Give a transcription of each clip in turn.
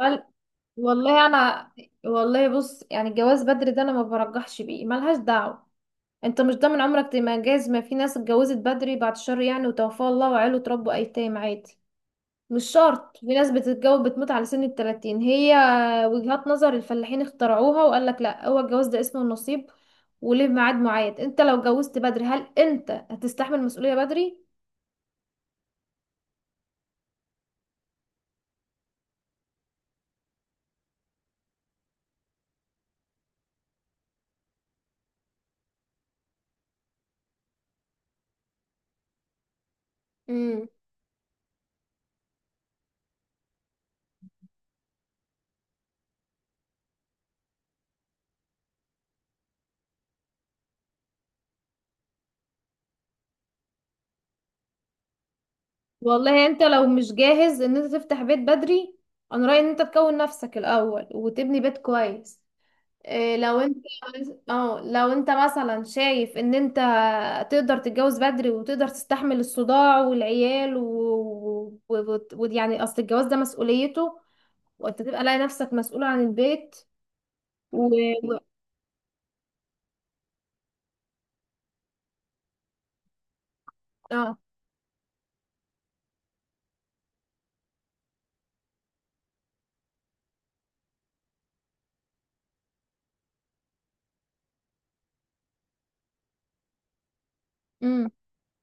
وال- والله انا والله، بص، يعني الجواز بدري ده انا ما برجحش بيه، ملهاش دعوه. انت مش ضامن عمرك تجهز. ما في ناس اتجوزت بدري، بعد الشر يعني، وتوفاها الله وعيله تربوا ايتام عادي. مش شرط، في ناس بتتجوز بتموت على سن 30. هي وجهات نظر الفلاحين اخترعوها، وقال لك لا، هو الجواز ده اسمه النصيب وليه ميعاد معين؟ انت لو اتجوزت بدري، هل انت هتستحمل مسؤوليه بدري؟ والله انت لو مش جاهز ان انت تفتح بيت بدري، انا رأيي ان انت تكون نفسك الاول وتبني بيت كويس. إيه لو انت اه لو انت مثلا شايف ان انت تقدر تتجوز بدري، وتقدر تستحمل الصداع والعيال، ويعني يعني اصل الجواز ده مسؤوليته، وانت تبقى لاقي نفسك مسؤول عن البيت و... و... اه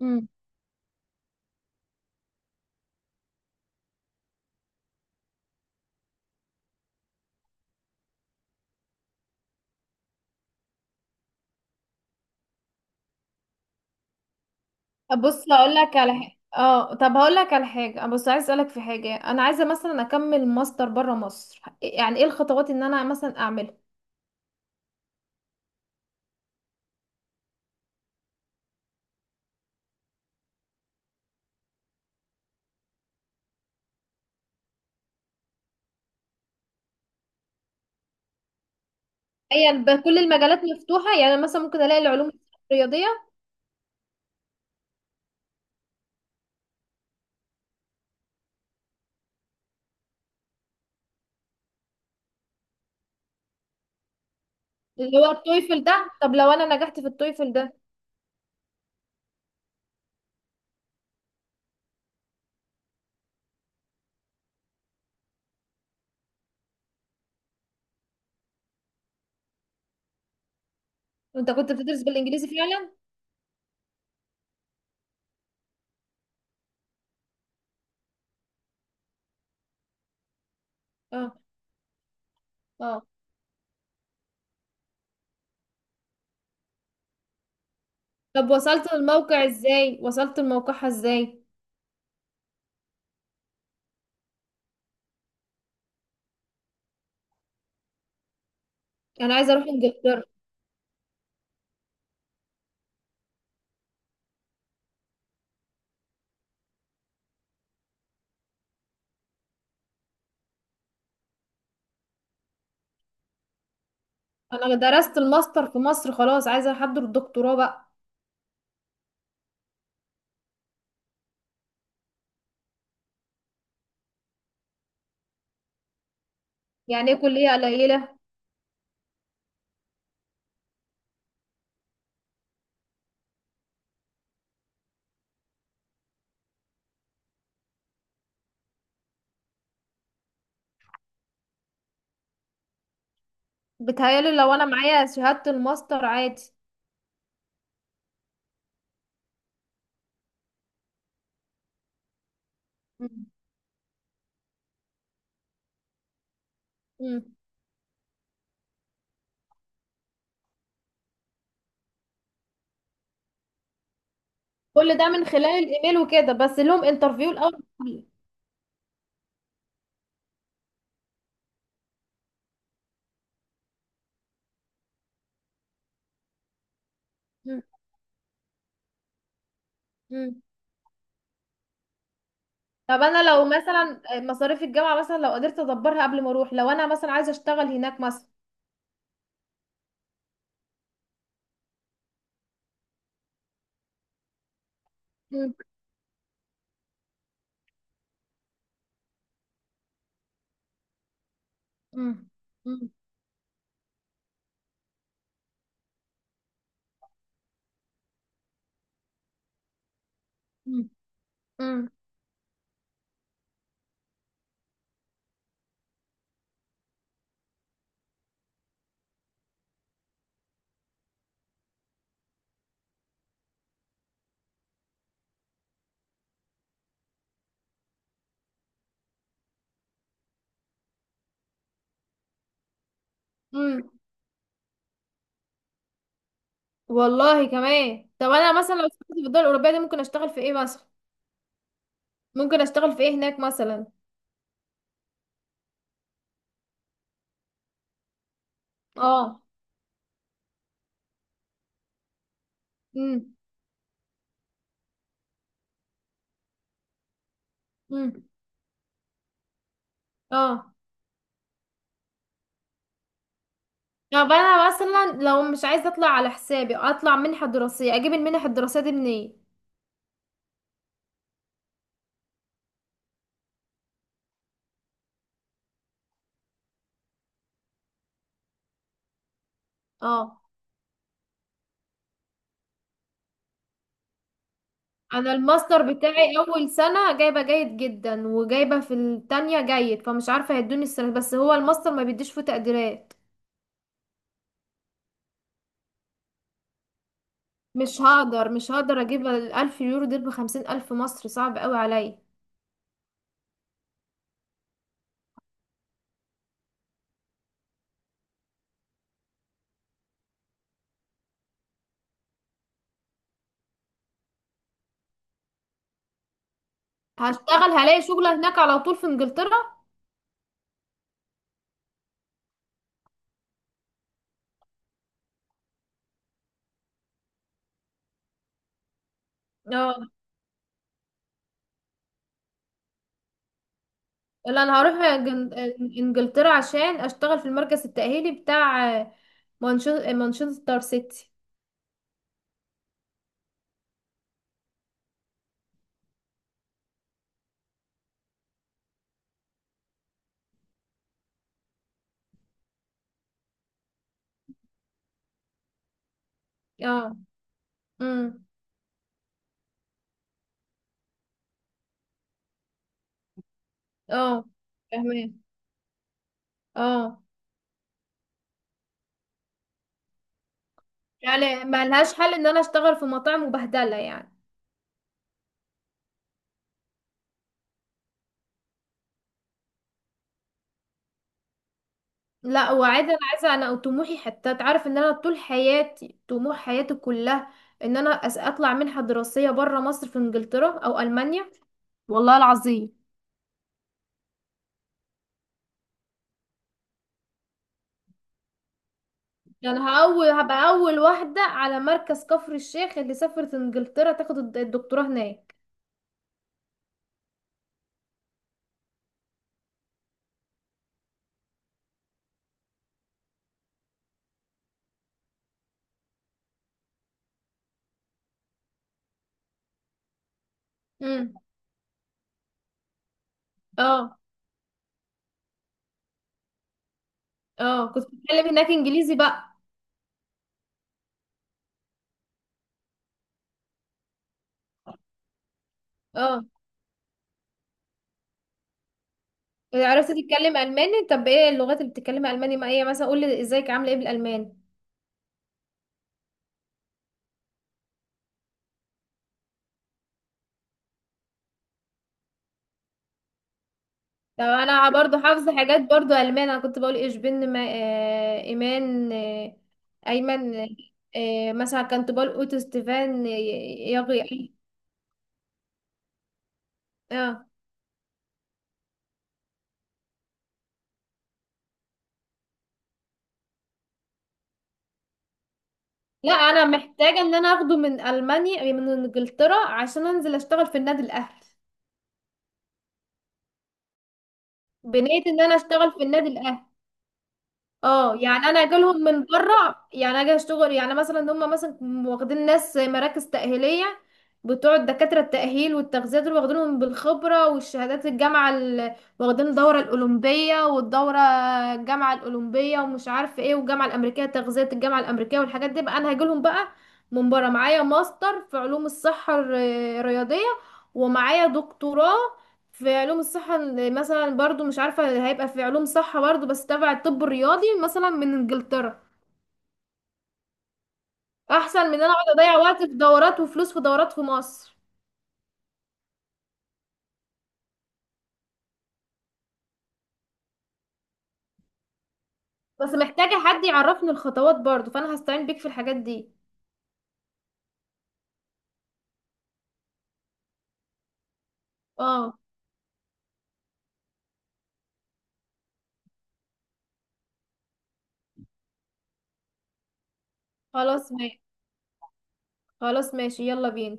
امم بص، هقول لك على حاجه اه طب، هقول لك على حاجه. بص، عايز اسالك في حاجه، انا عايزه مثلا اكمل ماستر بره مصر. يعني ايه الخطوات ان انا مثلا اعملها؟ هي كل المجالات مفتوحه؟ يعني مثلا ممكن الاقي العلوم الرياضيه. اللي هو التويفل ده، طب لو انا نجحت في التويفل ده؟ انت كنت بتدرس بالانجليزي فعلا؟ اه، اه، طب وصلت لموقعها ازاي؟ انا عايزه اروح انجلترا. انا درست الماستر في مصر، خلاص عايزه احضر الدكتوراه بقى. يعني ايه كليه قليله؟ بتهيألي لو انا معايا شهادة الماستر عادي. مم. مم. كل ده من خلال الايميل وكده، بس لهم انترفيو الاول؟ مم. مم. طب انا لو مثلا مصاريف الجامعة مثلا لو قدرت ادبرها قبل ما اروح، لو انا مثلا عايزة اشتغل هناك مثلا. مم. مم. مم. مم. مم. مم. والله، كمان طب انا مثلا لو اشتغلت في الدول الاوروبية دي، ممكن اشتغل في ايه مثلا؟ ممكن اشتغل في ايه هناك مثلا؟ اه. مم. مم. اه، طب انا مثلا لو مش عايزه اطلع على حسابي، اطلع منحه دراسيه، اجيب المنح الدراسيه دي منين؟ اه، انا الماستر بتاعي اول سنه جايبه جيد جدا، وجايبه في التانية جيد، فمش عارفه هيدوني السنه، بس هو الماستر ما بيديش فيه تقديرات. مش هقدر، مش هقدر اجيب 1000 يورو دول، بخمسين الف مصري صعب قوي عليا. هشتغل، هلاقي شغل هناك على طول في انجلترا؟ اه، لا انا هروح انجلترا عشان اشتغل في المركز التأهيلي بتاع مانشستر سيتي. اه. امم. اه، فاهمين. اه. يعني ما لهاش حل ان انا اشتغل في مطاعم وبهدله يعني؟ لا، وعايزه انا عايزه، انا طموحي، حتى تعرف ان انا طول حياتي طموح، حياتي كلها ان انا اطلع منحه دراسيه بره مصر، في انجلترا او المانيا. والله العظيم. يعني هبقى اول واحده على مركز كفر الشيخ اللي سافرت انجلترا تاخد الدكتوراه هناك. امم. اه، اه. كنت بتكلم هناك انجليزي بقى؟ اه، عرفت تتكلم الماني؟ طب ايه اللغات اللي بتتكلمها الماني؟ ما هي مثلا قول لي ازيك عامله ايه بالالماني. طب انا برضو حافظه حاجات برضو الماني. انا كنت بقول ايش بن، ما آه ايمان آه ايمن. مثلا كنت بقول اوتو ستيفان يغي. اه، لا انا محتاجه ان انا اخده من المانيا، من انجلترا، عشان انزل اشتغل في النادي الاهلي. بنيت ان انا اشتغل في النادي الاهلي. اه، يعني انا اجي لهم من بره، يعني اجي اشتغل، يعني مثلا ان هم مثلا واخدين ناس مراكز تاهيليه، بتوع الدكاتره التاهيل والتغذيه دول، واخدينهم بالخبره والشهادات الجامعه واخدين الدوره الاولمبيه، والدوره الجامعه الاولمبيه، ومش عارفه ايه، والجامعه الامريكيه تغذيه، الجامعه الامريكيه والحاجات دي بقى. انا هاجي لهم بقى من بره معايا ماستر في علوم الصحه الرياضيه، ومعايا دكتوراه في علوم الصحة مثلا، برضو مش عارفة، هيبقى في علوم صحة برضو، بس تبع الطب الرياضي مثلا، من انجلترا. احسن من ان انا اقعد اضيع وقت في دورات وفلوس في دورات في مصر. بس محتاجة حد يعرفني الخطوات برضو، فانا هستعين بيك في الحاجات دي. اه، خلاص ماشي. خلاص ماشي، يلا بينا.